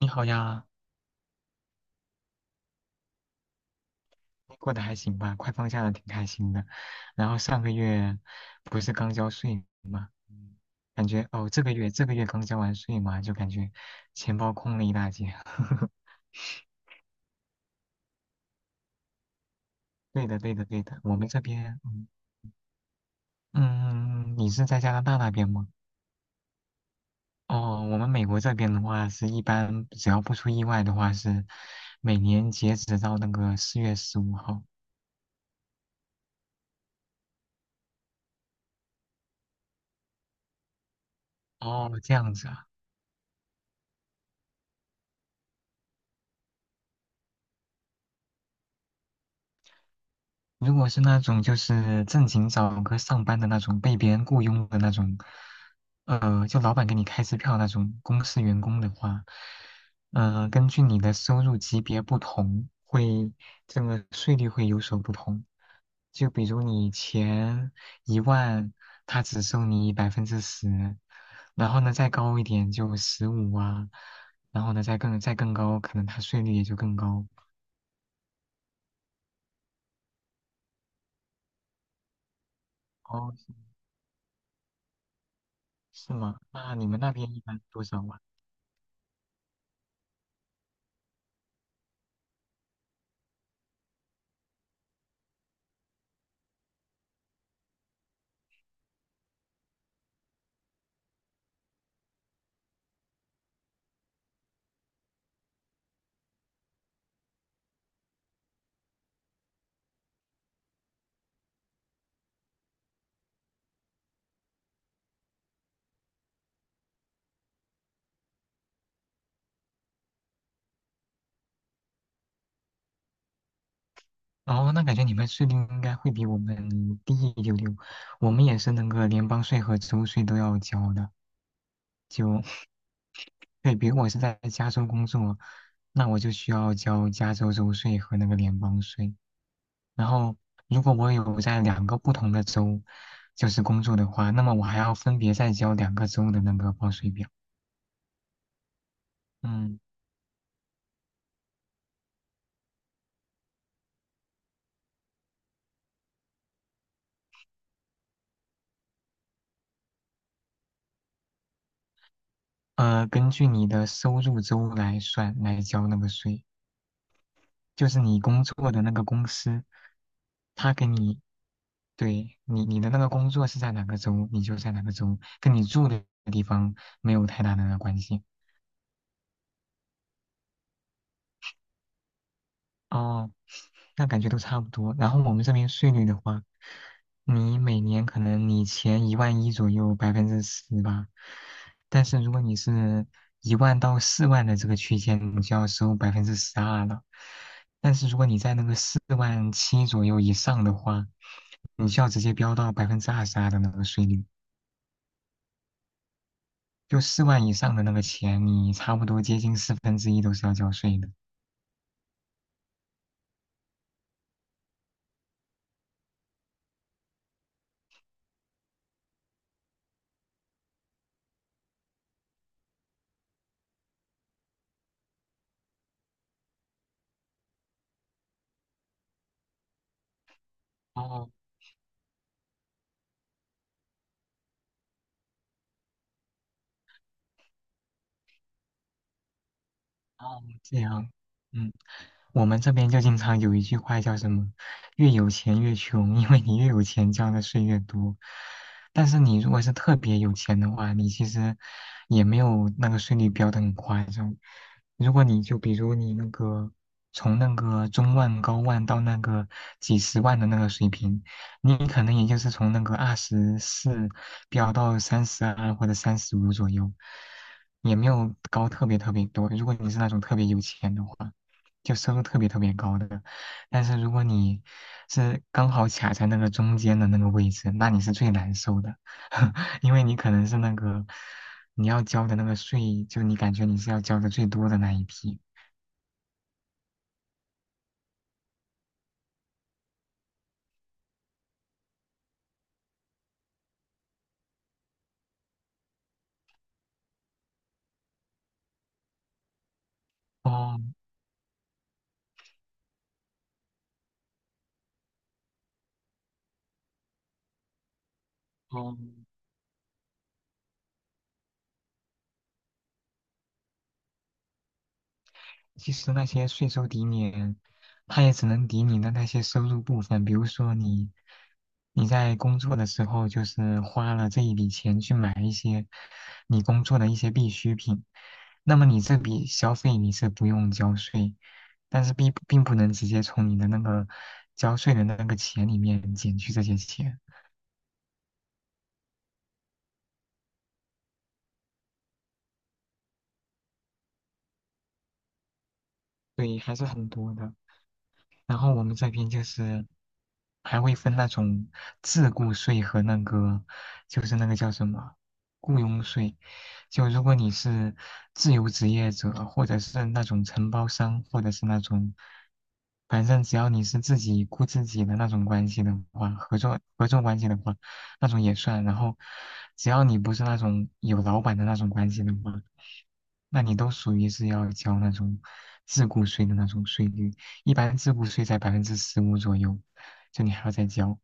你好呀，你过得还行吧？快放假了，挺开心的。然后上个月不是刚交税吗？嗯感觉哦，这个月刚交完税嘛，就感觉钱包空了一大截。对的，对的，对的。我们这边，嗯嗯，你是在加拿大那边吗？哦，我们美国这边的话，是一般只要不出意外的话，是每年截止到那个4月15号。哦，这样子啊。如果是那种就是正经找个上班的那种被别人雇佣的那种，就老板给你开支票那种公司员工的话，根据你的收入级别不同，这个税率会有所不同。就比如你前一万，他只收你百分之十，然后呢再高一点就十五啊，然后呢再更高，可能他税率也就更高。哦，是吗？那你们那边一般多少啊？哦，那感觉你们税率应该会比我们低一丢丢，我们也是那个联邦税和州税都要交的。就，对，比如我是在加州工作，那我就需要交加州州税和那个联邦税。然后，如果我有在两个不同的州，就是工作的话，那么我还要分别再交两个州的那个报税表。嗯，根据你的收入州来算来交那个税。就是你工作的那个公司，他给你，对你的那个工作是在哪个州，你就在哪个州，跟你住的地方没有太大的关系。哦，那感觉都差不多。然后我们这边税率的话，你每年可能你前1万1左右百分之十吧，但是如果你是1万到4万的这个区间，你就要收12%了。但是如果你在那个4万7左右以上的话，你就要直接飙到22%的那个税率。就四万以上的那个钱，你差不多接近四分之一都是要交税的。哦哦，这样，嗯。我们这边就经常有一句话叫什么"越有钱越穷"，因为你越有钱交的税越多。但是你如果是特别有钱的话，你其实也没有那个税率标的很夸张。如果你就比如你那个从那个中万、高万到那个几十万的那个水平，你可能也就是从那个24飙到32或者35左右，也没有高特别特别多。如果你是那种特别有钱的话。就收入特别特别高的。但是如果你是刚好卡在那个中间的那个位置，那你是最难受的，因为你可能是那个你要交的那个税，就你感觉你是要交的最多的那一批。哦，哦，其实那些税收抵免，它也只能抵你的那些收入部分，比如说你在工作的时候，就是花了这一笔钱去买一些你工作的一些必需品，那么你这笔消费你是不用交税，但是并不能直接从你的那个交税的那个钱里面减去这些钱，对，还是很多的。然后我们这边就是还会分那种自雇税和那个就是那个叫什么雇佣税。就如果你是自由职业者，或者是那种承包商，或者是那种，反正只要你是自己雇自己的那种关系的话，合作关系的话，那种也算。然后只要你不是那种有老板的那种关系的话，那你都属于是要交那种自雇税的那种税率。一般自付税在15%左右，就你还要再交。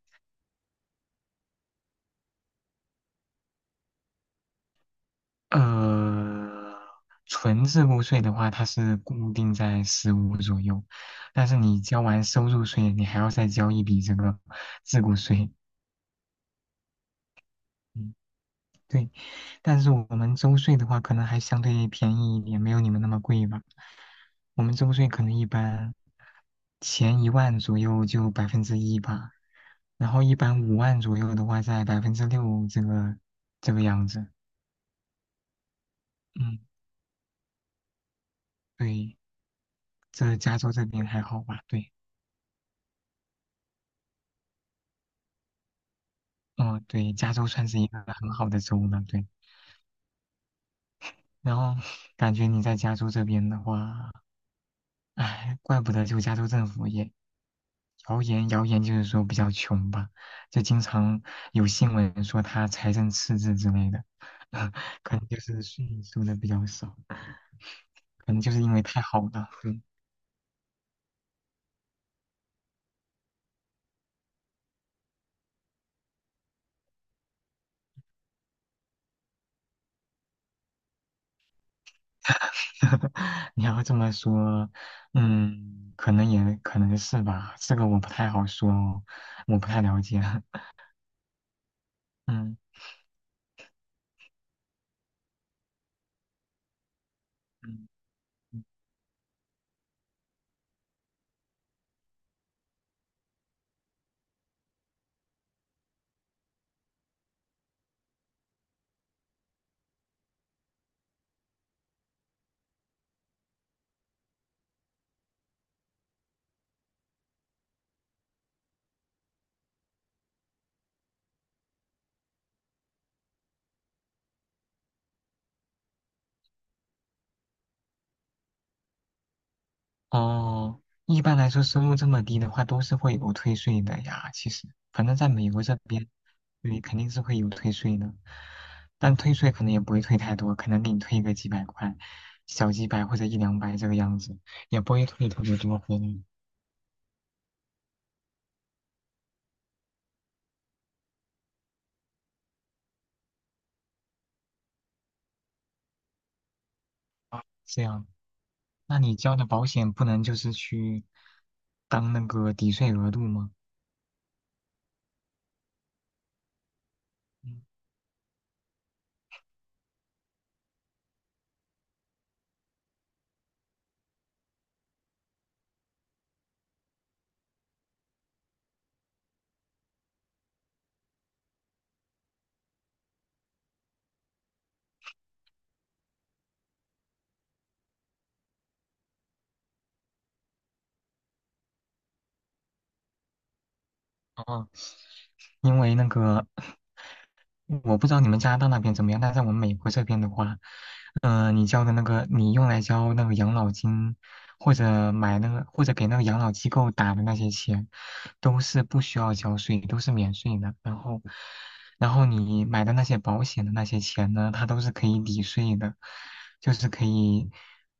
呃，纯自付税的话，它是固定在十五左右，但是你交完收入税，你还要再交一笔这个自付税。嗯对，但是我们周税的话，可能还相对便宜一点，没有你们那么贵吧。我们周税可能一般前一万左右就1%吧，然后一般5万左右的话在6%这个样子。嗯，对，这加州这边还好吧？对，嗯，对，加州算是一个很好的州了，对。然后感觉你在加州这边的话，哎，怪不得就加州政府也。谣言就是说比较穷吧，就经常有新闻说他财政赤字之类的，可能就是税收的比较少，可能就是因为太好了。嗯 你要这么说，嗯，可能也可能是吧，这个我不太好说哦，我不太了解。嗯嗯。哦，一般来说收入这么低的话，都是会有退税的呀。其实，反正在美国这边，对，肯定是会有退税的，但退税可能也不会退太多，可能给你退个几百块，小几百或者一两百这个样子，也不会退特别多回来。这样，那你交的保险不能就是去当那个抵税额度吗？嗯哦，因为那个。我不知道你们加拿大那边怎么样，但在我们美国这边的话，你交的那个，你用来交那个养老金，或者买那个，或者给那个养老机构打的那些钱，都是不需要交税，都是免税的。然后你买的那些保险的那些钱呢，它都是可以抵税的，就是可以，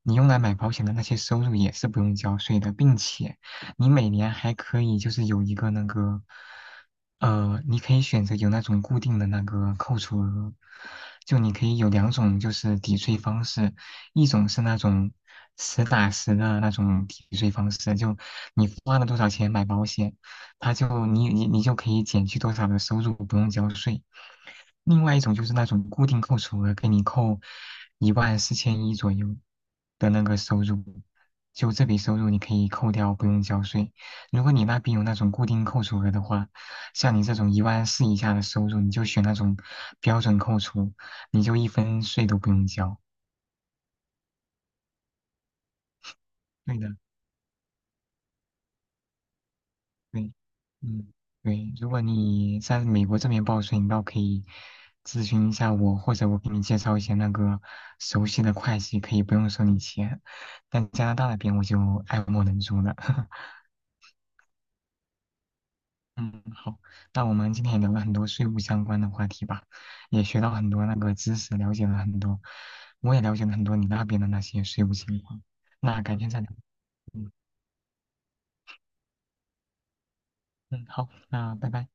你用来买保险的那些收入也是不用交税的，并且你每年还可以就是有一个那个。你可以选择有那种固定的那个扣除额，就你可以有两种就是抵税方式，一种是那种实打实的那种抵税方式，就你花了多少钱买保险，它就你就可以减去多少的收入，不用交税。另外一种就是那种固定扣除额，给你扣14,100左右的那个收入，就这笔收入你可以扣掉，不用交税。如果你那边有那种固定扣除额的话，像你这种一万四以下的收入，你就选那种标准扣除，你就一分税都不用交。对的，对，嗯，对。如果你在美国这边报税，你倒可以咨询一下我，或者我给你介绍一些那个熟悉的会计，可以不用收你钱。但加拿大那边我就爱莫能助了。嗯，好，那我们今天也聊了很多税务相关的话题吧，也学到很多那个知识，了解了很多，我也了解了很多你那边的那些税务情况。那改天再聊。嗯嗯，好，那拜拜。